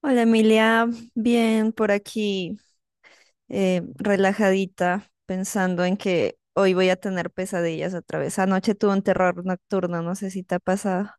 Hola Emilia, bien por aquí, relajadita, pensando en que hoy voy a tener pesadillas otra vez. Anoche tuve un terror nocturno, no sé si te ha pasado.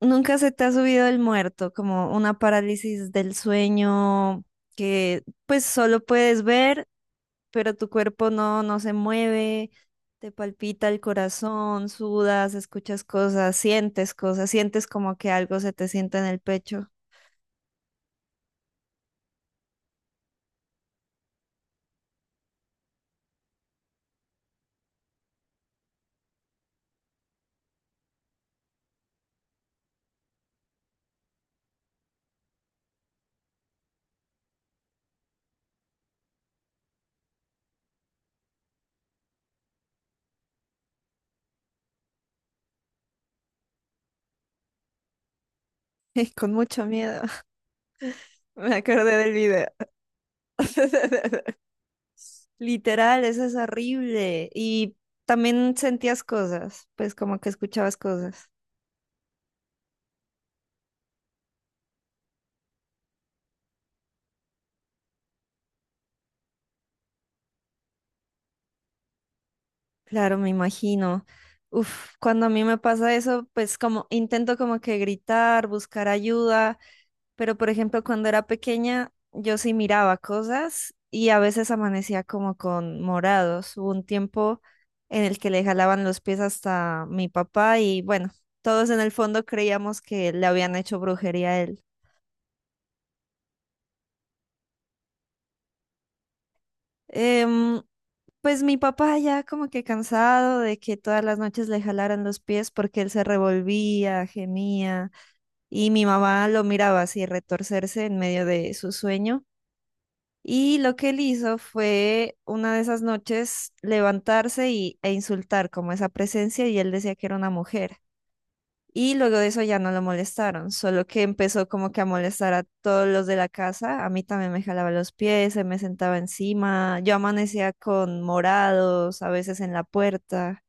¿Nunca se te ha subido el muerto? Como una parálisis del sueño que pues solo puedes ver, pero tu cuerpo no se mueve, te palpita el corazón, sudas, escuchas cosas, sientes como que algo se te sienta en el pecho, con mucho miedo. Me acordé del video. Literal, eso es horrible. Y también sentías cosas, pues como que escuchabas cosas. Claro, me imagino. Uf, cuando a mí me pasa eso, pues como intento como que gritar, buscar ayuda. Pero, por ejemplo, cuando era pequeña, yo sí miraba cosas y a veces amanecía como con morados. Hubo un tiempo en el que le jalaban los pies hasta mi papá y bueno, todos en el fondo creíamos que le habían hecho brujería a él. Em, pues mi papá ya como que cansado de que todas las noches le jalaran los pies porque él se revolvía, gemía y mi mamá lo miraba así retorcerse en medio de su sueño. Y lo que él hizo fue una de esas noches levantarse y, e insultar como esa presencia, y él decía que era una mujer. Y luego de eso ya no lo molestaron, solo que empezó como que a molestar a todos los de la casa. A mí también me jalaba los pies, se me sentaba encima. Yo amanecía con morados, a veces en la puerta.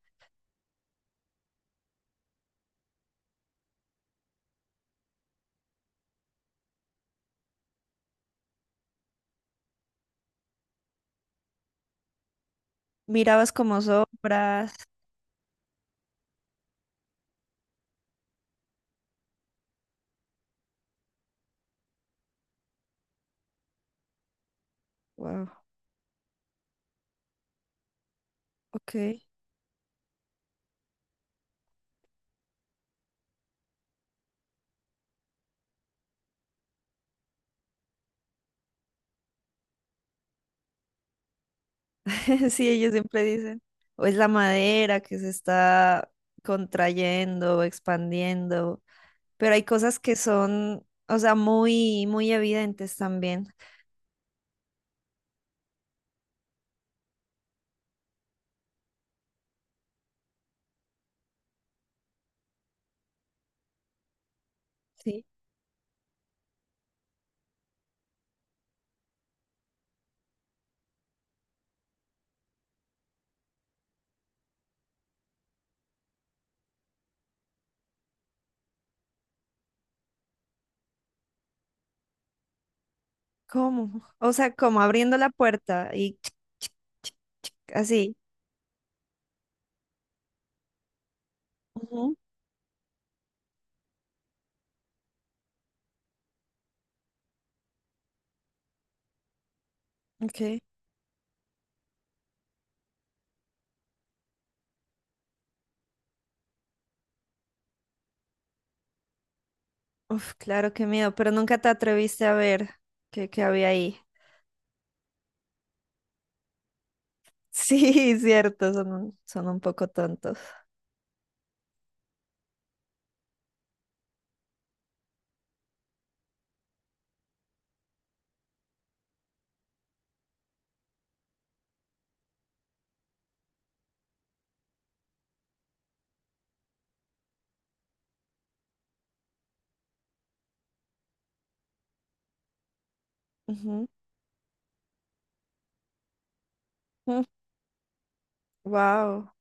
Mirabas como sombras. Wow, ok. Sí, ellos siempre dicen. O es la madera que se está contrayendo, expandiendo. Pero hay cosas que son, o sea, muy, muy evidentes también. Sí. ¿Cómo? O sea, como abriendo la puerta y ch- así. Ujú. Ok. Uf, claro, qué miedo, pero nunca te atreviste a ver qué había ahí. Sí, cierto, son un poco tontos. Wow.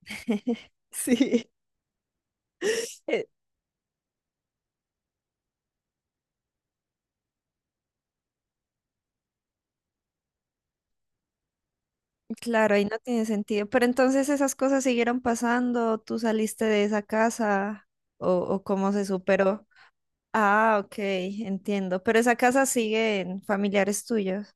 Sí. Eh, claro, ahí no tiene sentido. Pero entonces esas cosas siguieron pasando, ¿tú saliste de esa casa o cómo se superó? Ah, ok, entiendo. Pero esa casa sigue en familiares tuyos.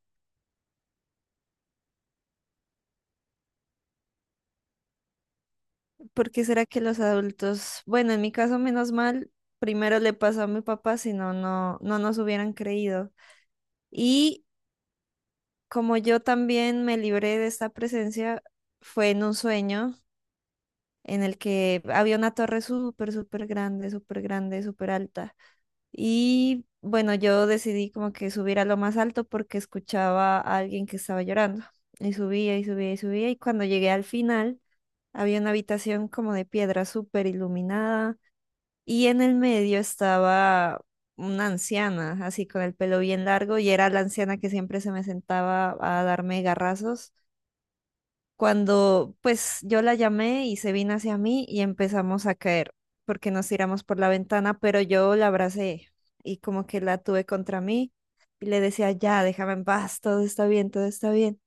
¿Por qué será que los adultos? Bueno, en mi caso, menos mal, primero le pasó a mi papá, si no, no nos hubieran creído. Y como yo también me libré de esta presencia, fue en un sueño en el que había una torre súper, súper grande, súper grande, súper alta. Y bueno, yo decidí como que subir a lo más alto porque escuchaba a alguien que estaba llorando. Y subía y subía y subía. Y cuando llegué al final, había una habitación como de piedra súper iluminada. Y en el medio estaba una anciana, así con el pelo bien largo. Y era la anciana que siempre se me sentaba a darme garrazos cuando, pues yo la llamé y se vino hacia mí y empezamos a caer porque nos tiramos por la ventana, pero yo la abracé y como que la tuve contra mí y le decía, ya, déjame en paz, todo está bien, todo está bien.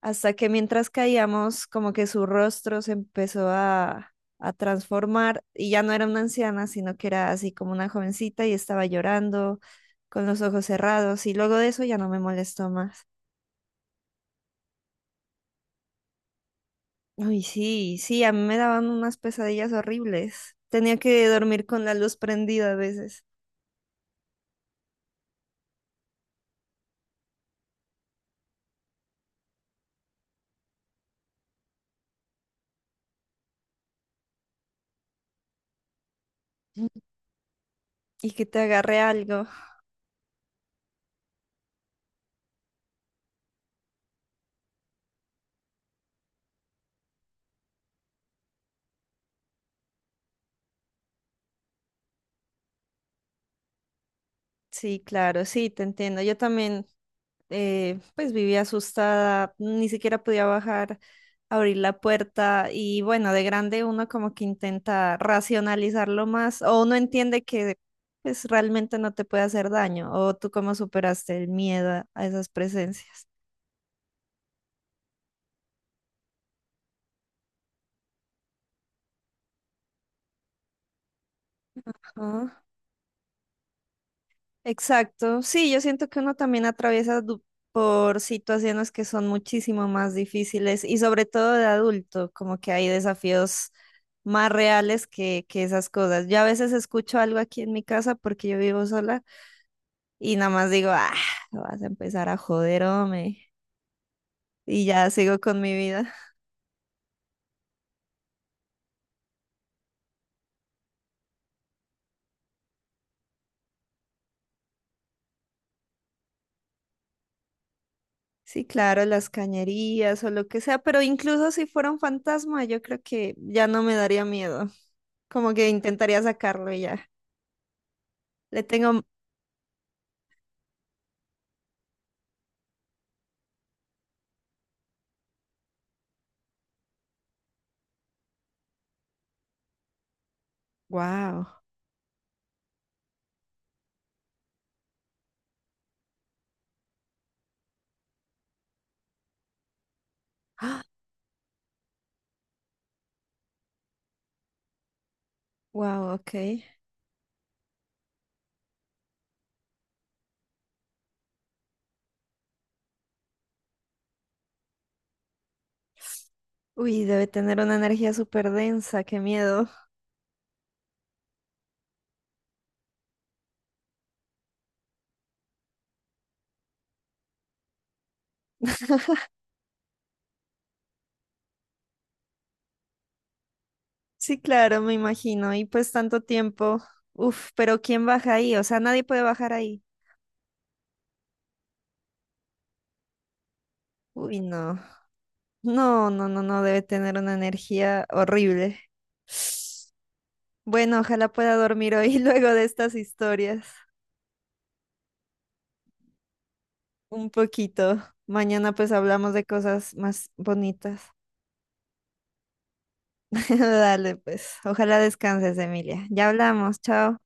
Hasta que mientras caíamos, como que su rostro se empezó a transformar y ya no era una anciana, sino que era así como una jovencita y estaba llorando con los ojos cerrados, y luego de eso ya no me molestó más. Uy, sí, sí, a mí me daban unas pesadillas horribles. Tenía que dormir con la luz prendida a veces, y que te agarre algo. Sí, claro, sí, te entiendo. Yo también, pues vivía asustada, ni siquiera podía bajar, abrir la puerta, y bueno, de grande uno como que intenta racionalizarlo más o uno entiende que pues realmente no te puede hacer daño. O tú, ¿cómo superaste el miedo a esas presencias? Exacto, sí, yo siento que uno también atraviesa por situaciones que son muchísimo más difíciles, y sobre todo de adulto, como que hay desafíos más reales que esas cosas. Yo a veces escucho algo aquí en mi casa porque yo vivo sola y nada más digo, ah, vas a empezar a joder, hombre, y ya sigo con mi vida. Sí, claro, las cañerías o lo que sea, pero incluso si fuera un fantasma, yo creo que ya no me daría miedo, como que intentaría sacarlo y ya. Le tengo. Wow. Wow, ok. Uy, debe tener una energía súper densa, qué miedo. Sí, claro, me imagino. Y pues tanto tiempo. Uf, pero ¿quién baja ahí? O sea, nadie puede bajar ahí. Uy, no. No, no, no, no, debe tener una energía horrible. Bueno, ojalá pueda dormir hoy luego de estas historias. Un poquito. Mañana pues hablamos de cosas más bonitas. Dale, pues. Ojalá descanses, Emilia. Ya hablamos. Chao.